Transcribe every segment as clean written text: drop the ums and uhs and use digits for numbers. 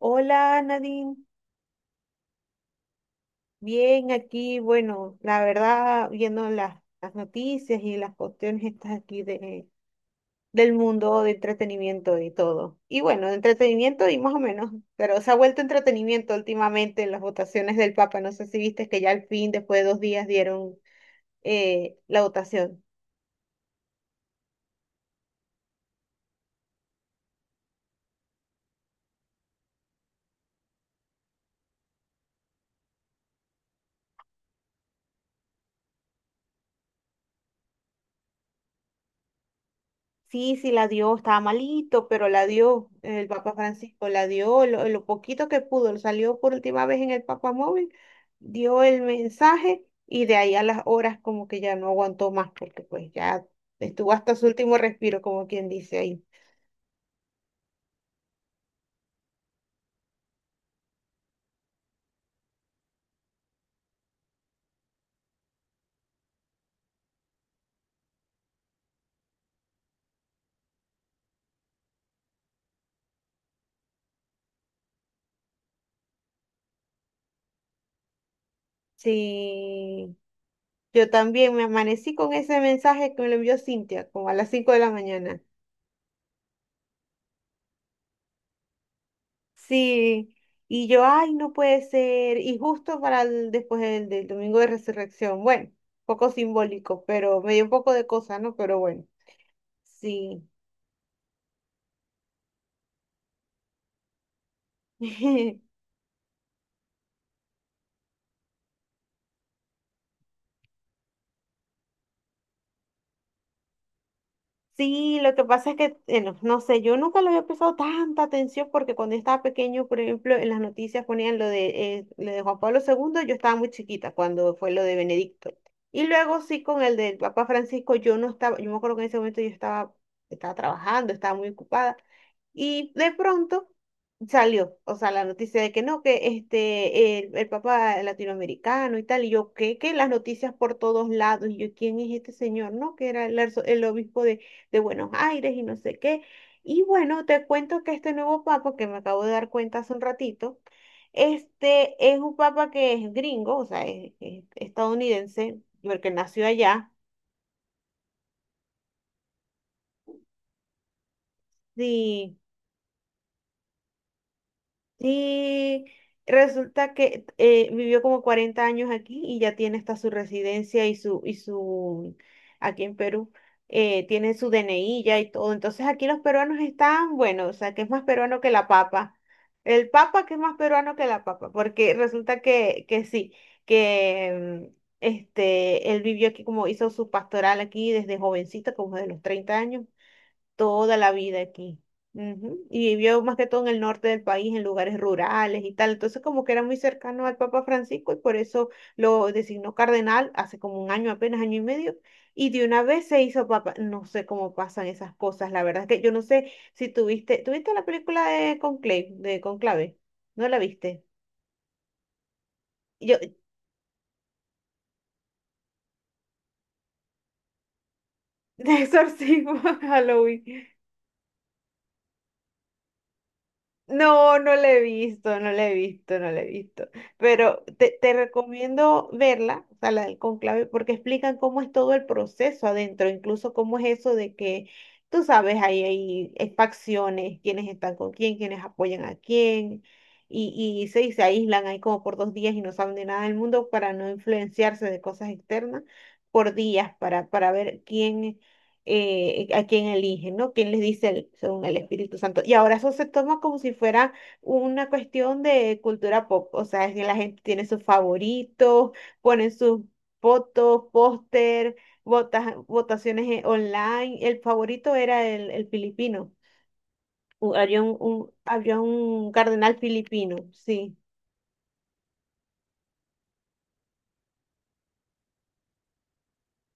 Hola Nadine, bien aquí, bueno, la verdad, viendo las noticias y las cuestiones estas aquí de, del mundo de entretenimiento y todo. Y bueno, de entretenimiento y más o menos, pero se ha vuelto entretenimiento últimamente en las votaciones del Papa. No sé si viste que ya al fin, después de 2 días, dieron la votación. Sí, sí, la dio, estaba malito, pero la dio el Papa Francisco, la dio lo poquito que pudo, salió por última vez en el Papa Móvil, dio el mensaje y de ahí a las horas como que ya no aguantó más, porque pues ya estuvo hasta su último respiro, como quien dice ahí. Sí, yo también me amanecí con ese mensaje que me lo envió Cintia, como a las 5 de la mañana. Sí, y yo, ay, no puede ser. Y justo para después del domingo de resurrección, bueno, poco simbólico, pero me dio un poco de cosa, ¿no? Pero bueno, sí. Sí, lo que pasa es que, no, no sé, yo nunca le había prestado tanta atención porque cuando yo estaba pequeño, por ejemplo, en las noticias ponían lo de Juan Pablo II, yo estaba muy chiquita cuando fue lo de Benedicto. Y luego sí con el del Papa Francisco, yo no estaba, yo me acuerdo que en ese momento yo estaba, estaba trabajando, estaba muy ocupada. Y de pronto salió, o sea, la noticia de que no, que este, el Papa latinoamericano y tal, y yo, ¿qué? Que las noticias por todos lados, y yo, ¿quién es este señor? No, que era el, arzo- el obispo de Buenos Aires y no sé qué. Y bueno, te cuento que este nuevo papa, que me acabo de dar cuenta hace un ratito, este es un papa que es gringo, o sea, es estadounidense, porque nació allá. Sí. Sí, resulta que vivió como 40 años aquí y ya tiene hasta su residencia y su, aquí en Perú, tiene su DNI ya y todo. Entonces aquí los peruanos están, bueno, o sea, que es más peruano que la papa. El papa que es más peruano que la papa, porque resulta que sí, que este, él vivió aquí como hizo su pastoral aquí desde jovencito, como de los 30 años toda la vida aquí. Ujú. Y vivió más que todo en el norte del país, en lugares rurales y tal. Entonces, como que era muy cercano al Papa Francisco y por eso lo designó cardenal hace como un año, apenas año y medio. Y de una vez se hizo papa. No sé cómo pasan esas cosas, la verdad es que yo no sé si tuviste, ¿tuviste la película de Conclave, de Conclave? ¿No la viste? Yo, de exorcismo Halloween. No, no la he visto, no la he visto, no la he visto. Pero te recomiendo verla, o sea, la del conclave, porque explican cómo es todo el proceso adentro, incluso cómo es eso de que, tú sabes, hay facciones, quiénes están con quién, quiénes apoyan a quién, y se aíslan ahí como por 2 días y no saben de nada del mundo para no influenciarse de cosas externas por días, para ver quién a quien eligen, ¿no? ¿Quién les dice el- según el Espíritu Santo? Y ahora eso se toma como si fuera una cuestión de cultura pop, o sea, es que la gente tiene sus favoritos, ponen sus fotos, póster, vota- votaciones online. El favorito era el filipino. U- Había había un cardenal filipino, sí.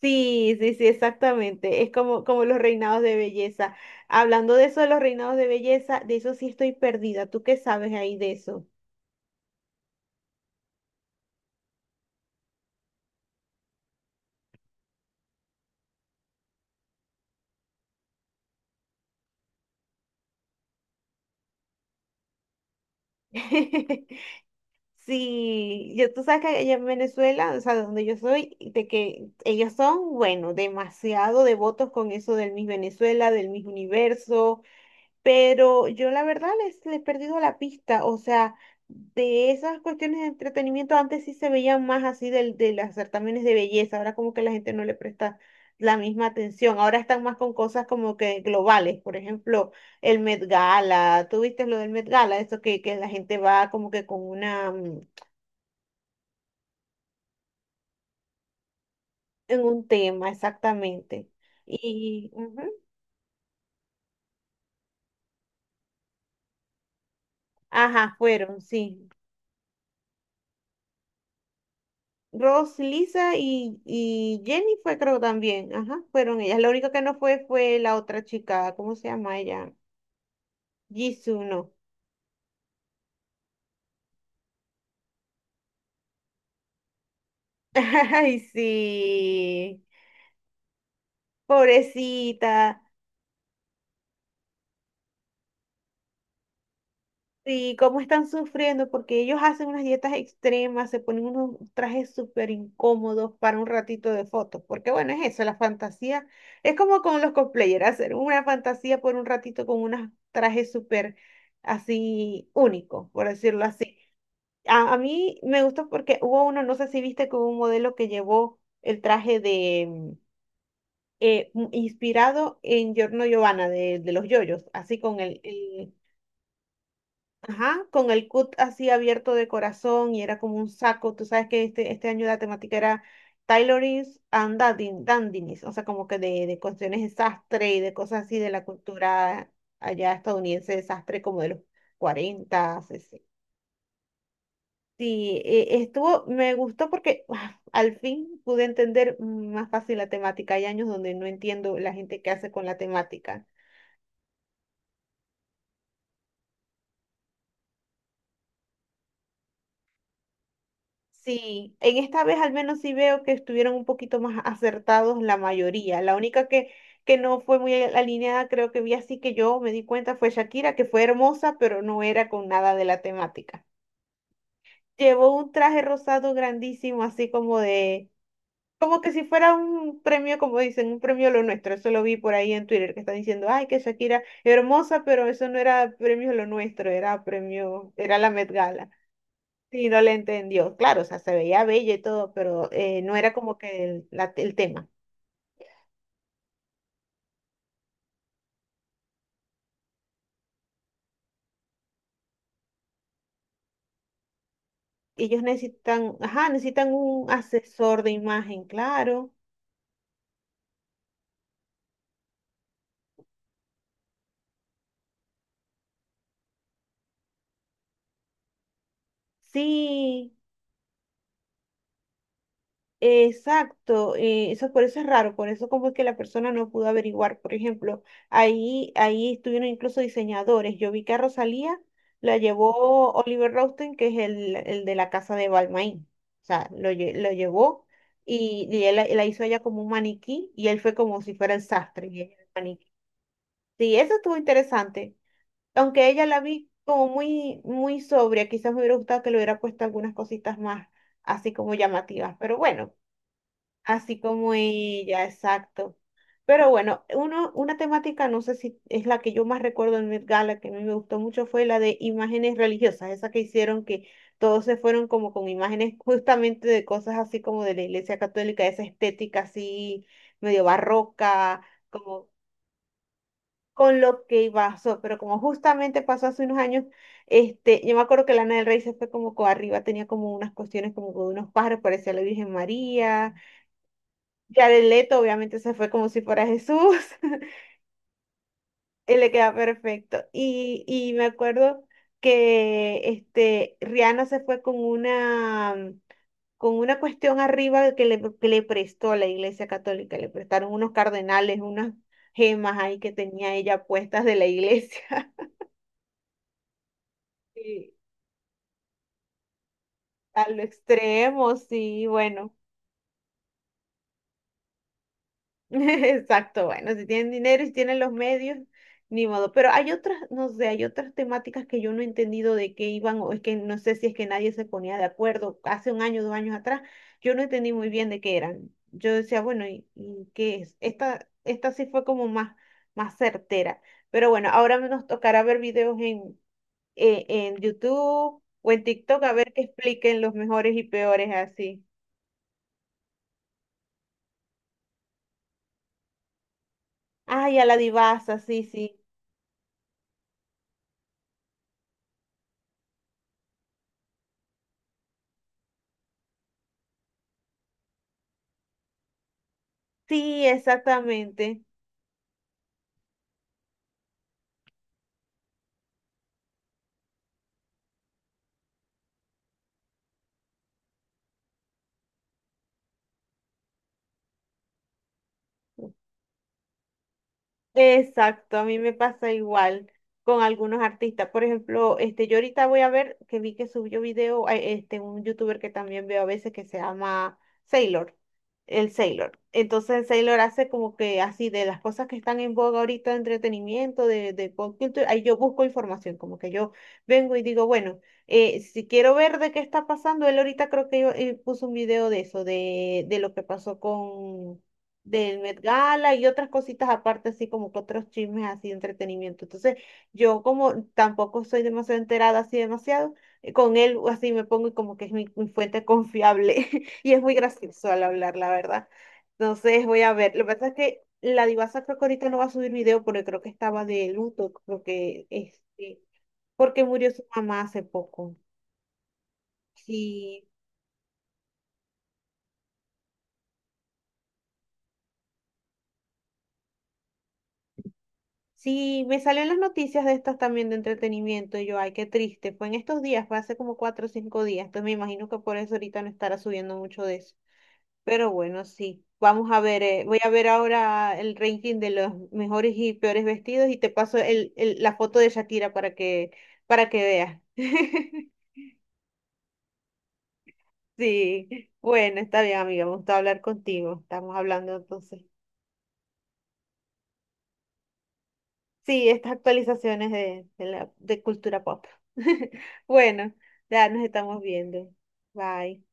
Sí, sí, sí, exactamente. Es como, como los reinados de belleza. Hablando de eso de los reinados de belleza, de eso sí estoy perdida. ¿Tú qué sabes ahí de eso? Sí, yo, tú sabes que allá en Venezuela, o sea, donde yo soy, de que ellos son, bueno, demasiado devotos con eso del Miss Venezuela, del Miss Universo. Pero yo la verdad les he perdido la pista, o sea, de esas cuestiones de entretenimiento antes sí se veían más así del, de las certámenes de belleza, ahora como que la gente no le presta la misma atención, ahora están más con cosas como que globales, por ejemplo, el Met Gala, ¿tú viste lo del Met Gala? Eso que la gente va como que con una, en un tema exactamente. Y, ujú, ajá, fueron, sí. Ross, Lisa y Jenny fue creo también, ajá, fueron ellas. Lo único que no fue fue la otra chica, ¿cómo se llama ella? Jisoo, no. Ay, sí, pobrecita. Sí, cómo están sufriendo porque ellos hacen unas dietas extremas, se ponen unos trajes súper incómodos para un ratito de fotos, porque bueno, es eso, la fantasía. Es como con los cosplayers, hacer una fantasía por un ratito con unos trajes súper así únicos, por decirlo así. A mí me gustó porque hubo uno, no sé si viste que hubo un modelo que llevó el traje de inspirado en Giorno Giovanna de los yoyos, así con ajá, con el cut así abierto de corazón y era como un saco. Tú sabes que este año la temática era tailorings and dandin- dandinis, o sea, como que de cuestiones de sastre y de cosas así de la cultura allá estadounidense de sastre como de los 40, sí, e- estuvo, me gustó porque ah, al fin pude entender más fácil la temática. Hay años donde no entiendo la gente que hace con la temática. Sí, en esta vez al menos sí veo que estuvieron un poquito más acertados la mayoría. La única que no fue muy alineada, creo que vi así que yo me di cuenta, fue Shakira, que fue hermosa, pero no era con nada de la temática. Llevó un traje rosado grandísimo, así como de. Como que si fuera un premio, como dicen, un premio lo nuestro. Eso lo vi por ahí en Twitter que están diciendo, ay, que Shakira hermosa, pero eso no era premio lo nuestro, era premio, era la Met Gala. Sí, no le entendió. Claro, o sea, se veía bella y todo, pero no era como que el tema. Ellos necesitan, ajá, necesitan un asesor de imagen, claro. Sí. Exacto, eso por eso es raro, por eso como es que la persona no pudo averiguar. Por ejemplo, ahí estuvieron incluso diseñadores. Yo vi que a Rosalía la llevó Oliver Rosten, que es el de la casa de Balmain. O sea, lo, lle- lo llevó y él la, la hizo ella como un maniquí y él fue como si fuera el sastre y ella el maniquí. Sí, eso estuvo interesante. Aunque ella la vi como muy, muy sobria, quizás me hubiera gustado que le hubiera puesto algunas cositas más así como llamativas, pero bueno. Así como ella, exacto. Pero bueno, uno, una temática, no sé si es la que yo más recuerdo en Met Gala, que a mí me gustó mucho, fue la de imágenes religiosas, esa que hicieron que todos se fueron como con imágenes justamente de cosas así como de la Iglesia Católica, esa estética así medio barroca, como con lo que pasó, pero como justamente pasó hace unos años, este, yo me acuerdo que Lana del Rey se fue como co- arriba, tenía como unas cuestiones como con unos pájaros, parecía la Virgen María. Jared Leto obviamente se fue como si fuera Jesús, él le queda perfecto. Y me acuerdo que este, Rihanna se fue con una cuestión arriba que le prestó la Iglesia Católica, le prestaron unos cardenales, unas gemas ahí que tenía ella puestas de la iglesia. Sí, a lo extremo, sí, bueno. Exacto, bueno, si tienen dinero y si tienen los medios, ni modo. Pero hay otras, no sé, hay otras temáticas que yo no he entendido de qué iban, o es que no sé si es que nadie se ponía de acuerdo. Hace un año, dos años atrás, yo no entendí muy bien de qué eran. Yo decía, bueno, y qué es? Esta sí fue como más, más certera. Pero bueno, ahora nos tocará ver videos en YouTube o en TikTok a ver que expliquen los mejores y peores así. Ay, a la divasa, sí, sí. Sí, exactamente. Exacto, a mí me pasa igual con algunos artistas. Por ejemplo, este, yo ahorita voy a ver que vi que subió video, este, un youtuber que también veo a veces que se llama Sailor, el Sailor. Entonces Sailor hace como que así de las cosas que están en boga ahorita de entretenimiento, de pop culture, ahí yo busco información, como que yo vengo y digo, bueno, si quiero ver de qué está pasando, él ahorita creo que yo, puso un video de eso, de lo que pasó con del Met Gala y otras cositas aparte, así como que otros chismes así de entretenimiento. Entonces, yo como tampoco soy demasiado enterada así demasiado, con él así me pongo y como que es mi, mi fuente confiable y es muy gracioso al hablar, la verdad. Entonces, voy a ver. Lo que pasa es que la divasa creo que ahorita no va a subir video porque creo que estaba de luto, creo que este, porque murió su mamá hace poco. Sí, sí, me salió en las noticias de estas también de entretenimiento y yo, ay, qué triste. Fue en estos días, fue hace como 4 o 5 días. Entonces me imagino que por eso ahorita no estará subiendo mucho de eso. Pero bueno, sí. Vamos a ver, voy a ver ahora el ranking de los mejores y peores vestidos y te paso la foto de Shakira para que veas. Sí, bueno, está bien, amiga. Me gustó hablar contigo. Estamos hablando entonces. Sí, estas actualizaciones de la, de cultura pop. Bueno, ya nos estamos viendo. Bye.